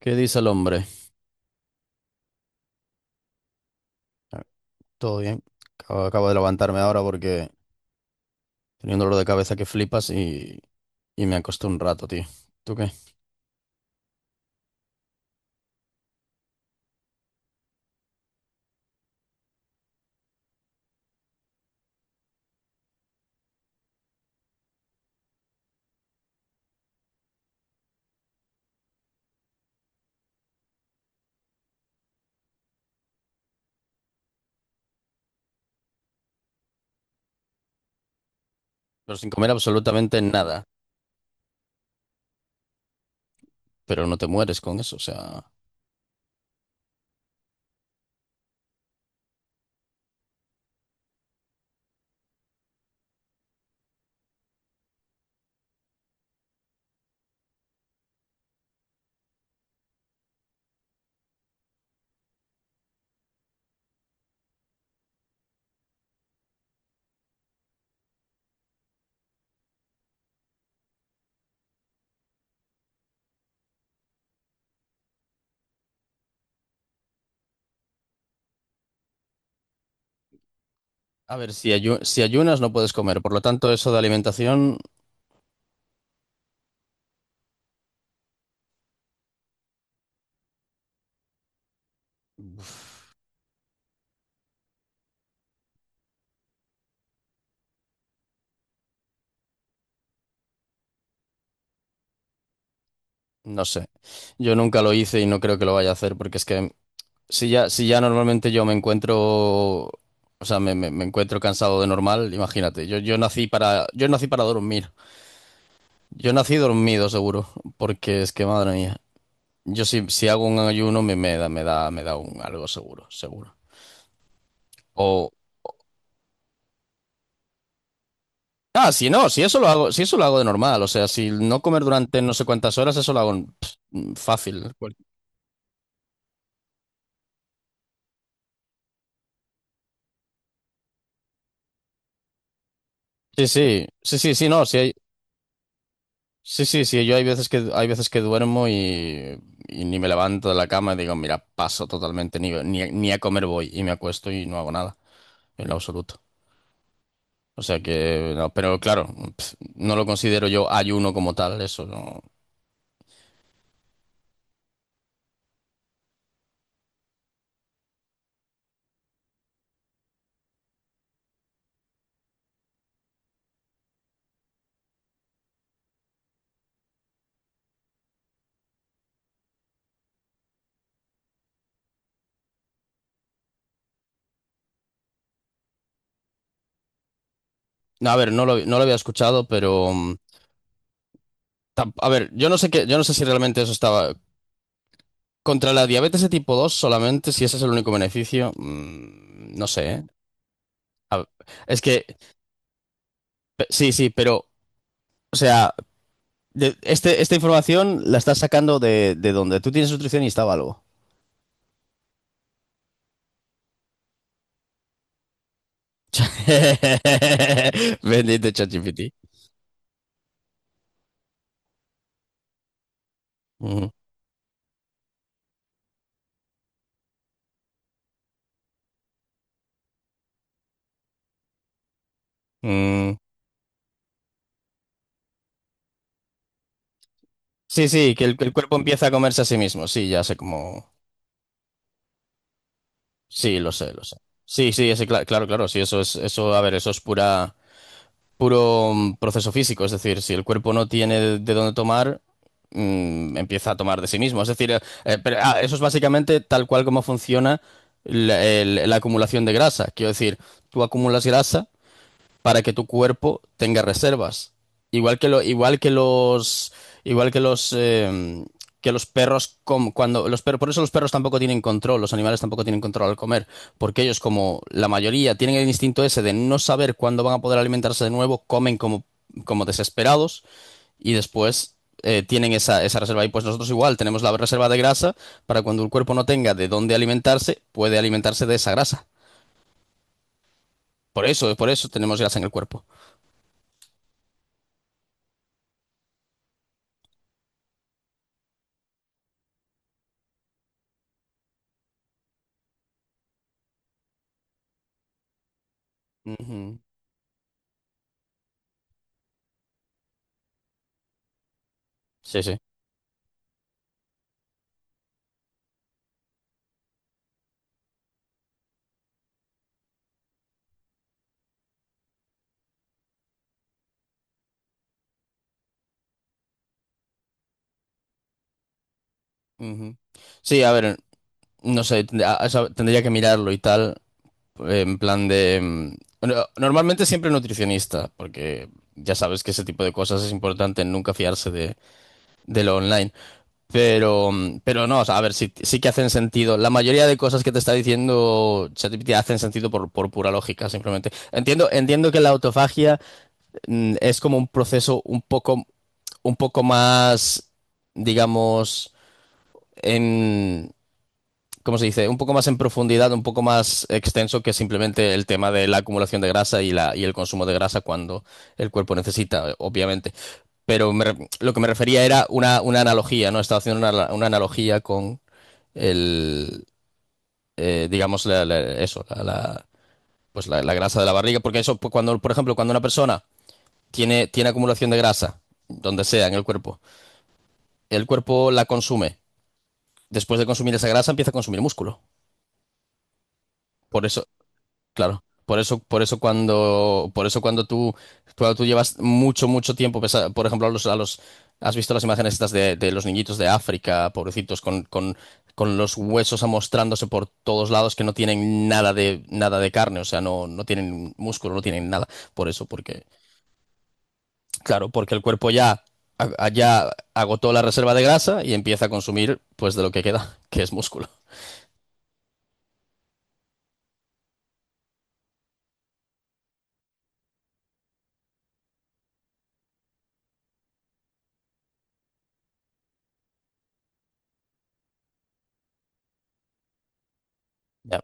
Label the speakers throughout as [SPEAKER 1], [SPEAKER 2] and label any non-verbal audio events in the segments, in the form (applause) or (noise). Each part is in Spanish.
[SPEAKER 1] ¿Qué dice el hombre? Ah, todo bien. Acabo de levantarme ahora porque tenía un dolor de cabeza que flipas y me acosté un rato, tío. ¿Tú qué? Pero sin comer absolutamente nada. Pero no te mueres con eso, o sea... A ver, si, si ayunas no puedes comer, por lo tanto eso de alimentación, no sé. Yo nunca lo hice y no creo que lo vaya a hacer porque es que si ya, si ya normalmente yo me encuentro... O sea, me encuentro cansado de normal, imagínate. Yo nací para dormir. Yo nací dormido, seguro, porque es que madre mía. Yo si, si hago un ayuno me, me da, me da un algo seguro, seguro. O. Ah, si no, si eso lo hago, si eso lo hago de normal. O sea, si no comer durante no sé cuántas horas, eso lo hago pff, fácil. Sí, sí, sí, sí, sí, no, sí hay. Sí, sí, sí, yo hay veces que duermo y ni me levanto de la cama y digo, mira, paso totalmente, ni, ni, ni a comer voy y me acuesto y no hago nada, en lo absoluto. O sea que, no, pero claro, pf, no lo considero yo ayuno como tal, eso no. No, a ver, no lo había escuchado, pero a ver, yo no sé qué, yo no sé si realmente eso estaba contra la diabetes de tipo 2 solamente, si ese es el único beneficio, no sé, ¿eh? A- es que sí, sí, pero o sea, esta información la estás sacando de donde tú tienes nutricionista o algo. (laughs) Bendito ChatGPT. Ujú. Mm. Sí, sí, que el cuerpo empieza a comerse a sí mismo. Sí, ya sé cómo. Sí, lo sé, lo sé. Sí, sí, ese, claro, claro, sí, eso es, eso, a ver, eso es pura, puro proceso físico. Es decir, si el cuerpo no tiene de dónde tomar, empieza a tomar de sí mismo. Es decir, pero, ah, eso es básicamente tal cual como funciona la, la acumulación de grasa. Quiero decir, tú acumulas grasa para que tu cuerpo tenga reservas. Igual que lo, igual que los, que los perros, cuando los perros, por eso los perros tampoco tienen control, los animales tampoco tienen control al comer, porque ellos, como la mayoría, tienen el instinto ese de no saber cuándo van a poder alimentarse de nuevo, comen como, como desesperados y después tienen esa, esa reserva. Y pues nosotros igual tenemos la reserva de grasa para cuando el cuerpo no tenga de dónde alimentarse, puede alimentarse de esa grasa. Por eso tenemos grasa en el cuerpo. Ujú. Sí, sí. Ujú. Sí, a ver, no sé, eso tendría que mirarlo y tal, en plan de... normalmente siempre nutricionista, porque ya sabes que ese tipo de cosas es importante, nunca fiarse de lo online. Pero, pero no, o sea, a ver, sí, sí que hacen sentido. La mayoría de cosas que te está diciendo ChatGPT hacen sentido por pura lógica, simplemente. Entiendo, entiendo que la autofagia, es como un proceso un poco más, digamos... ¿cómo se dice? Un poco más en profundidad, un poco más extenso que simplemente el tema de la acumulación de grasa y, la, y el consumo de grasa cuando el cuerpo necesita, obviamente. Pero lo que me refería era una analogía, ¿no? Estaba haciendo una analogía con el, digamos, eso, la, pues la grasa de la barriga, porque eso, pues, cuando, por ejemplo, cuando una persona tiene, tiene acumulación de grasa, donde sea en el cuerpo la consume. Después de consumir esa grasa empieza a consumir músculo. Por eso claro, por eso cuando tú llevas mucho, mucho tiempo, por ejemplo, a los, has visto las imágenes estas de los niñitos de África, pobrecitos, con los huesos amostrándose por todos lados que no tienen nada de, nada de carne, o sea, no, no tienen músculo, no tienen nada. Por eso, porque, claro, porque el cuerpo ya, ya agotó la reserva de grasa y empieza a consumir, pues, de lo que queda, (laughs) que es músculo. Ya,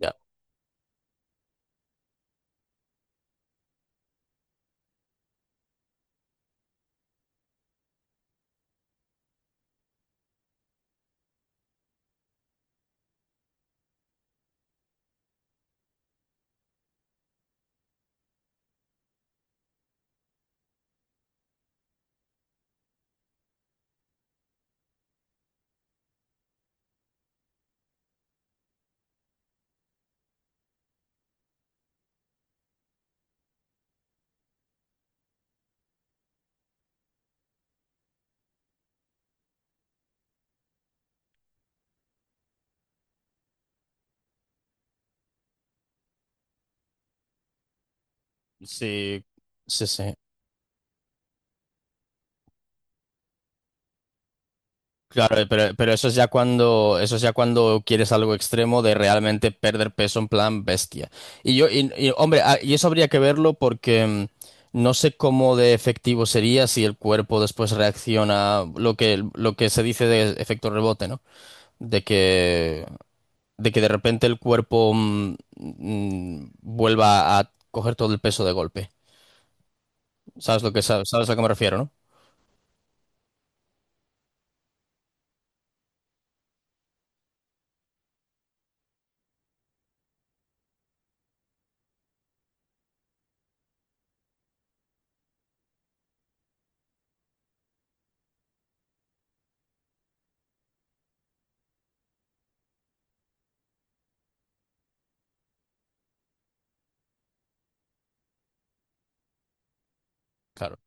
[SPEAKER 1] ya. Sí, sí, sí. Claro, pero eso es ya cuando, eso es ya cuando quieres algo extremo de realmente perder peso en plan bestia. Y yo, y, hombre, ah, y eso habría que verlo porque no sé cómo de efectivo sería si el cuerpo después reacciona lo que se dice de efecto rebote, ¿no? De que, de que de repente el cuerpo vuelva a coger todo el peso de golpe. ¿Sabes lo que, sabes a lo que me refiero, ¿no? Claro.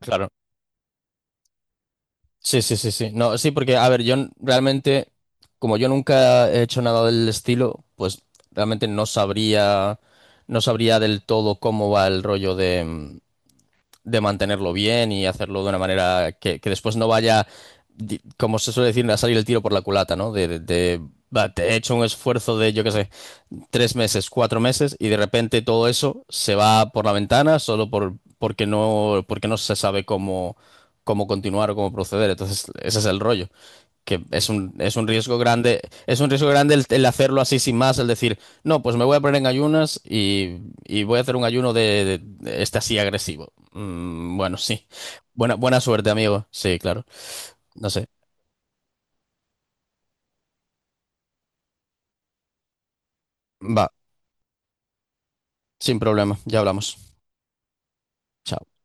[SPEAKER 1] Claro. Sí, sí, sí, sí. No, sí, porque, a ver, realmente, como yo nunca he hecho nada del estilo, pues realmente no sabría, no sabría del todo cómo va el rollo de mantenerlo bien y hacerlo de una manera que después no vaya, como se suele decir, a salir el tiro por la culata, ¿no? De, de, va, te he hecho un esfuerzo de, yo qué sé, 3 meses, 4 meses y de repente todo eso se va por la ventana solo por, porque no se sabe cómo, cómo continuar o cómo proceder. Entonces, ese es el rollo que es un riesgo grande, es un riesgo grande el hacerlo así sin más, el decir, no, pues me voy a poner en ayunas y voy a hacer un ayuno de, de este así agresivo. Bueno, sí. Buena, buena suerte, amigo. Sí, claro. No sé. Va, sin problema. Ya hablamos. Chao.